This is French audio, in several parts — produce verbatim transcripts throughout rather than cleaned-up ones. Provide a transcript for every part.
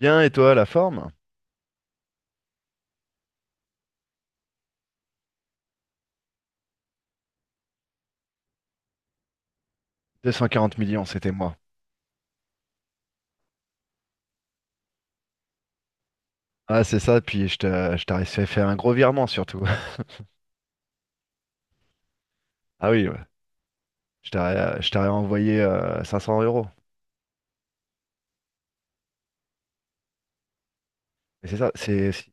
Bien, et toi, la forme? deux cent quarante millions, c'était moi. Ah, c'est ça, puis je t'a- je t'aurais fait faire un gros virement surtout. Ah oui, ouais. Je t'aurais je t'aurais envoyé euh, cinq cents euros. Mais c'est ça, c'est si-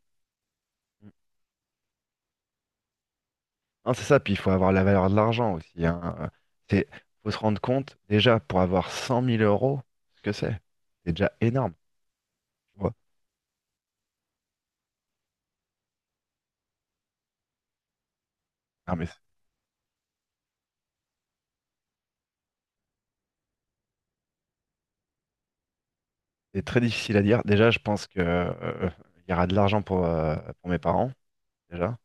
non, c'est ça, puis il faut avoir la valeur de l'argent aussi. Hein. Euh, C'est, faut se rendre compte, déjà, pour avoir cent mille euros, ce que c'est. C'est déjà énorme, tu vois. Non, mais c'est très difficile à dire. Déjà, je pense que, euh, il y aura de l'argent pour, euh, pour mes parents, déjà.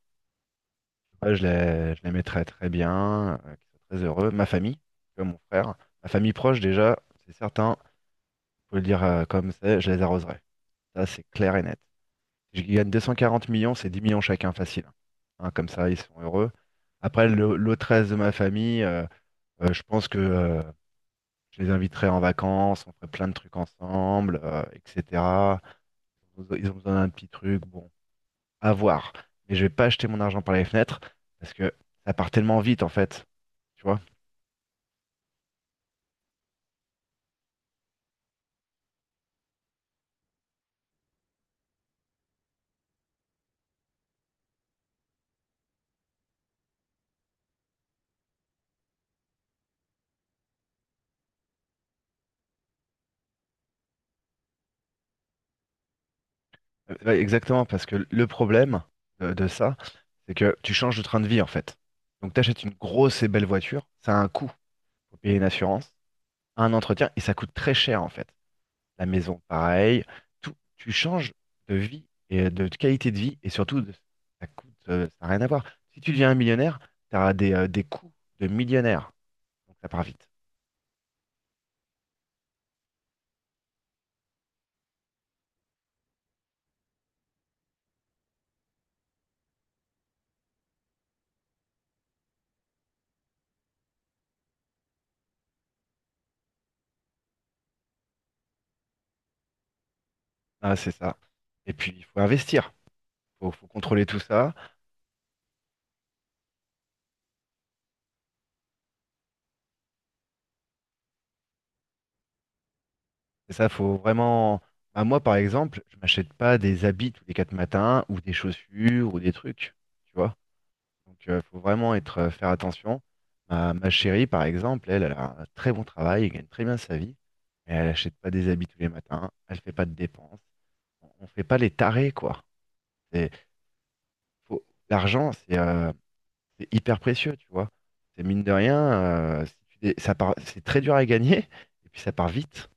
Ouais, je les, je les mettrais très bien, euh, qu'ils soient très heureux. Ma famille, comme mon frère, ma famille proche déjà, c'est certain, faut le dire euh, comme c'est, je les arroserai. Ça, c'est clair et net. Si je gagne deux cent quarante millions, c'est dix millions chacun facile. Hein, comme ça, ils sont heureux. Après, le- l'autre reste de ma famille, euh, euh, je pense que euh, je les inviterai en vacances, on ferait plein de trucs ensemble, euh, et cetera. Ils ont besoin d'un petit truc, bon, à voir. Mais je vais pas acheter mon argent par les fenêtres parce que ça part tellement vite en fait. Tu vois. Euh, ouais, exactement, parce que le problème de, de ça, c'est que tu changes de train de vie en fait. Donc tu achètes une grosse et belle voiture, ça a un coût. Faut payer une assurance, un entretien, et ça coûte très cher en fait. La maison, pareil. Tout, tu changes de vie et de qualité de vie, et surtout, de- ça coûte, euh, ça n'a rien à voir. Si tu deviens un millionnaire, tu as des, euh, des coûts de millionnaire. Donc ça part vite. Ah, c'est ça. Et puis, il faut investir, faut, faut contrôler tout ça. Et ça, faut vraiment. Bah, moi, par exemple, je m'achète pas des habits tous les quatre matins ou des chaussures ou des trucs, tu vois. Donc, il faut vraiment être, euh, faire attention. Ma, ma chérie, par exemple, elle, elle a un très bon travail, elle gagne très bien sa vie, mais elle achète pas des habits tous les matins, elle fait pas de dépenses. On, on fait pas les tarés, quoi. C'est- faut- L'argent, c'est euh, c'est hyper précieux, tu vois. C'est mine de rien, euh, si tu dé- ça part, c'est très dur à gagner et puis ça part vite.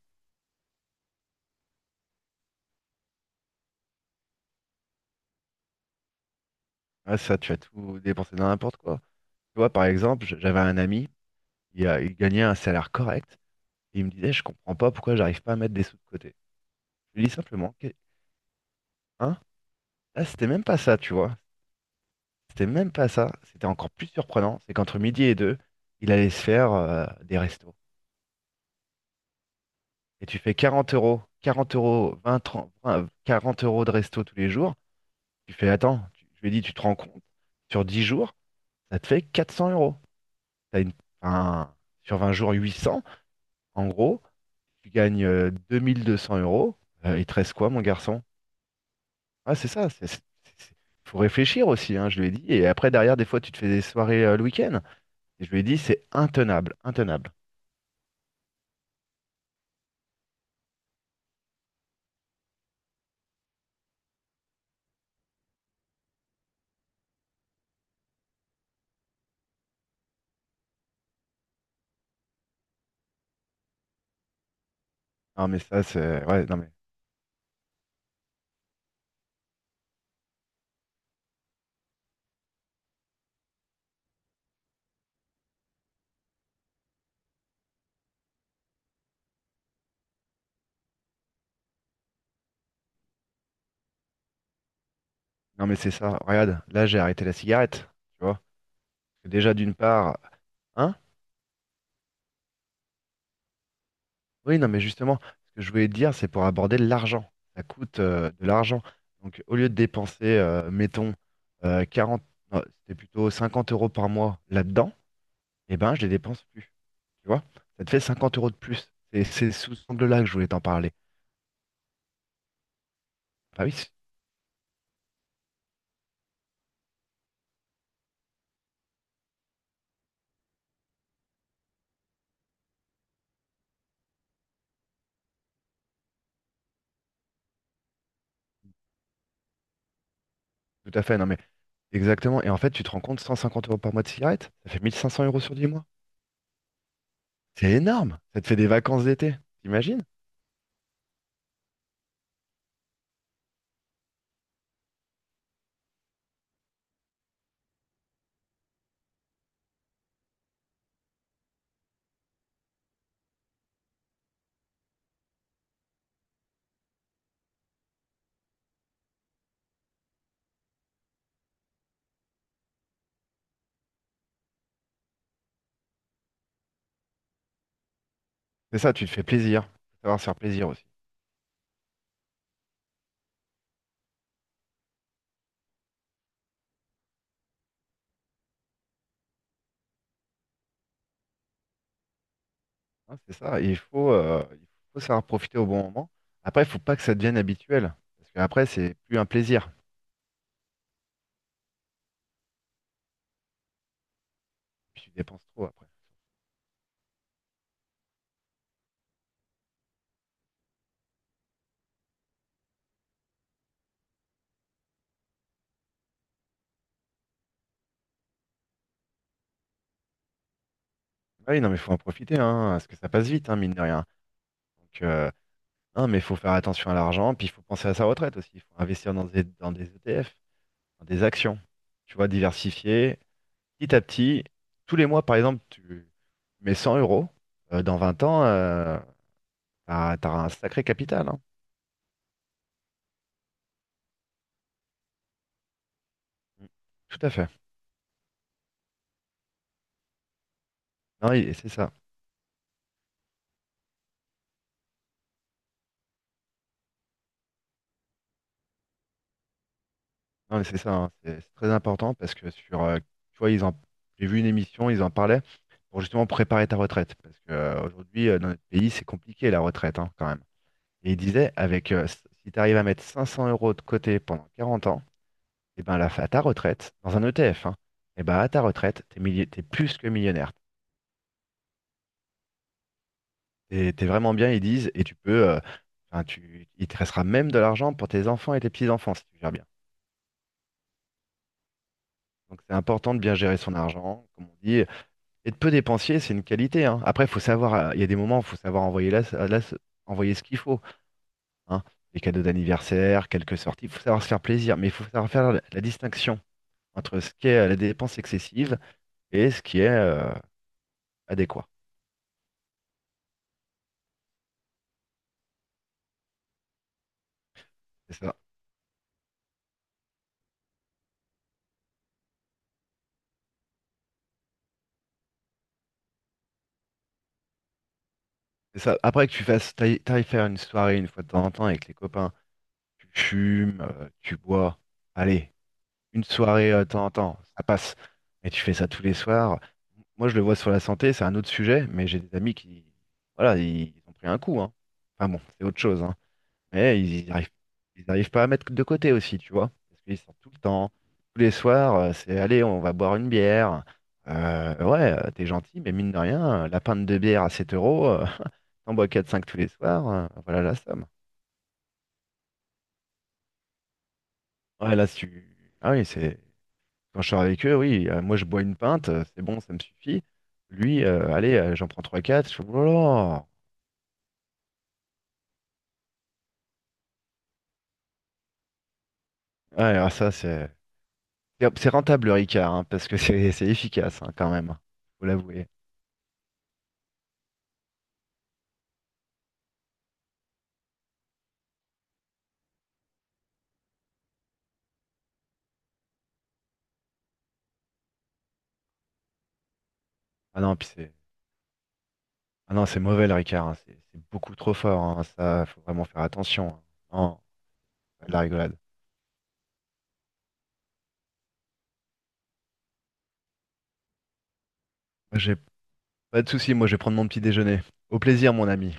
Ah, ça, tu as tout dépensé dans n'importe quoi. Tu vois, par exemple, j- j'avais un ami, il, a- il gagnait un salaire correct, et il me disait, je comprends pas pourquoi j'arrive pas à mettre des sous de côté. Je lui dis simplement, que- hein? Là, c'était même pas ça, tu vois. C'était même pas ça. C'était encore plus surprenant, c'est qu'entre midi et deux, il allait se faire euh, des restos. Et tu fais quarante euros, quarante euros, vingt trente vingt, quarante euros de resto tous les jours. Tu fais, attends, tu- je lui ai dit, tu te rends compte, sur dix jours, ça te fait quatre cents euros. T'as une, un- sur vingt jours, huit cents. En gros, tu gagnes euh, deux mille deux cents euros. Euh, il te reste quoi, mon garçon? Ah, c'est ça. c'est- c'est- c'est- Faut réfléchir aussi, hein, je lui ai dit. Et après, derrière, des fois, tu te fais des soirées euh, le week-end. Et je lui ai dit, c'est intenable, intenable. Non, mais ça, c'est. Ouais, non, mais, non, mais c'est ça. Regarde, là, j'ai arrêté la cigarette. Tu vois? Parce que déjà, d'une part. Hein? Oui, non, mais justement, ce que je voulais te dire, c'est pour aborder l'argent. Ça coûte euh, de l'argent. Donc, au lieu de dépenser, euh, mettons, euh, quarante. Non, c'était plutôt cinquante euros par mois là-dedans, eh ben, je les dépense plus. Tu vois? Ça te fait cinquante euros de plus. Et c'est sous cet angle-là que je voulais t'en parler. Ah oui, c'est- tout à fait, non mais exactement. Et en fait, tu te rends compte, cent cinquante euros par mois de cigarette, ça fait mille cinq cents euros sur dix mois. C'est énorme. Ça te fait des vacances d'été, t'imagines? C'est ça, tu te fais plaisir. Faut savoir se faire plaisir aussi. Hein, c'est ça. Et il faut, euh, il faut savoir profiter au bon moment. Après, il faut pas que ça devienne habituel. Parce qu'après, c'est plus un plaisir. Puis tu dépenses trop après. Ah oui, non mais il faut en profiter, hein, parce que ça passe vite, hein, mine de rien. Donc, euh, Non, mais il faut faire attention à l'argent, puis il faut penser à sa retraite aussi. Il faut investir dans des, dans des E T F, dans des actions. Tu vois, diversifier petit à petit. Tous les mois, par exemple, tu mets cent euros. Euh, dans vingt ans, euh, t'as, t'auras un sacré capital. Hein. Mm. Tout à fait. Non, oui, et c'est ça. Non, mais c'est ça. Hein. C'est c'est très important parce que sur, euh, tu vois, ils en, j'ai vu une émission, ils en parlaient pour justement préparer ta retraite. Parce que euh, aujourd'hui, euh, dans notre pays, c'est compliqué la retraite hein, quand même. Et il disait, avec, euh, s- si tu arrives à mettre cinq cents euros de côté pendant quarante ans, et ben là, à ta retraite, dans un E T F, hein, et ben à ta retraite, t'es milli- t'es plus que millionnaire. T'es, t'es vraiment bien, ils disent, et tu peux, euh, enfin, tu, il te restera même de l'argent pour tes enfants et tes petits-enfants si tu gères bien. Donc c'est important de bien gérer son argent, comme on dit, et de peu dépensier, c'est une qualité. Hein. Après, faut savoir, euh, il y a des moments où il faut savoir envoyer, la- la- envoyer ce qu'il faut. Hein. Les cadeaux d'anniversaire, quelques sorties, il faut savoir se faire plaisir, mais il faut savoir faire la la distinction. Entre ce qui est euh, la dépense excessive et ce qui est euh, adéquat. C'est ça. C'est ça. Après que tu fasses, t'ailles t'ailles faire une soirée une fois de temps en temps avec les copains, tu fumes, euh, tu bois, allez, une soirée euh, de temps en temps, ça passe. Mais tu fais ça tous les soirs. Moi, je le vois sur la santé, c'est un autre sujet, mais j'ai des amis qui, voilà, ils, ils ont pris un coup, hein. Enfin bon, c'est autre chose, hein. Mais ils arrivent, ils arrivent pas à mettre de côté aussi, tu vois. Parce qu'ils sortent tout le temps, tous les soirs, euh, c'est allez, on va boire une bière. Euh, ouais, euh, t'es gentil, mais mine de rien, euh, la pinte de bière à sept euros, euh, t'en bois quatre cinq tous les soirs, euh, voilà la somme. Ouais, là, si tu... Ah oui, c'est... quand je sors avec eux, oui, euh, moi je bois une pinte, euh, c'est bon, ça me suffit. Lui, euh, allez, euh, j'en prends trois quatre je fais, oh là là. Ouais, alors ça, c'est... C'est c'est rentable le Ricard, hein, parce que c'est c'est efficace hein, quand même, faut l'avouer. Ah non, puis c'est... Ah non, c'est mauvais le Ricard, hein. C'est c'est beaucoup trop fort, hein. Ça, faut vraiment faire attention. Hein. Non, la rigolade. J'ai pas de souci, moi je vais prendre mon petit déjeuner. Au plaisir, mon ami.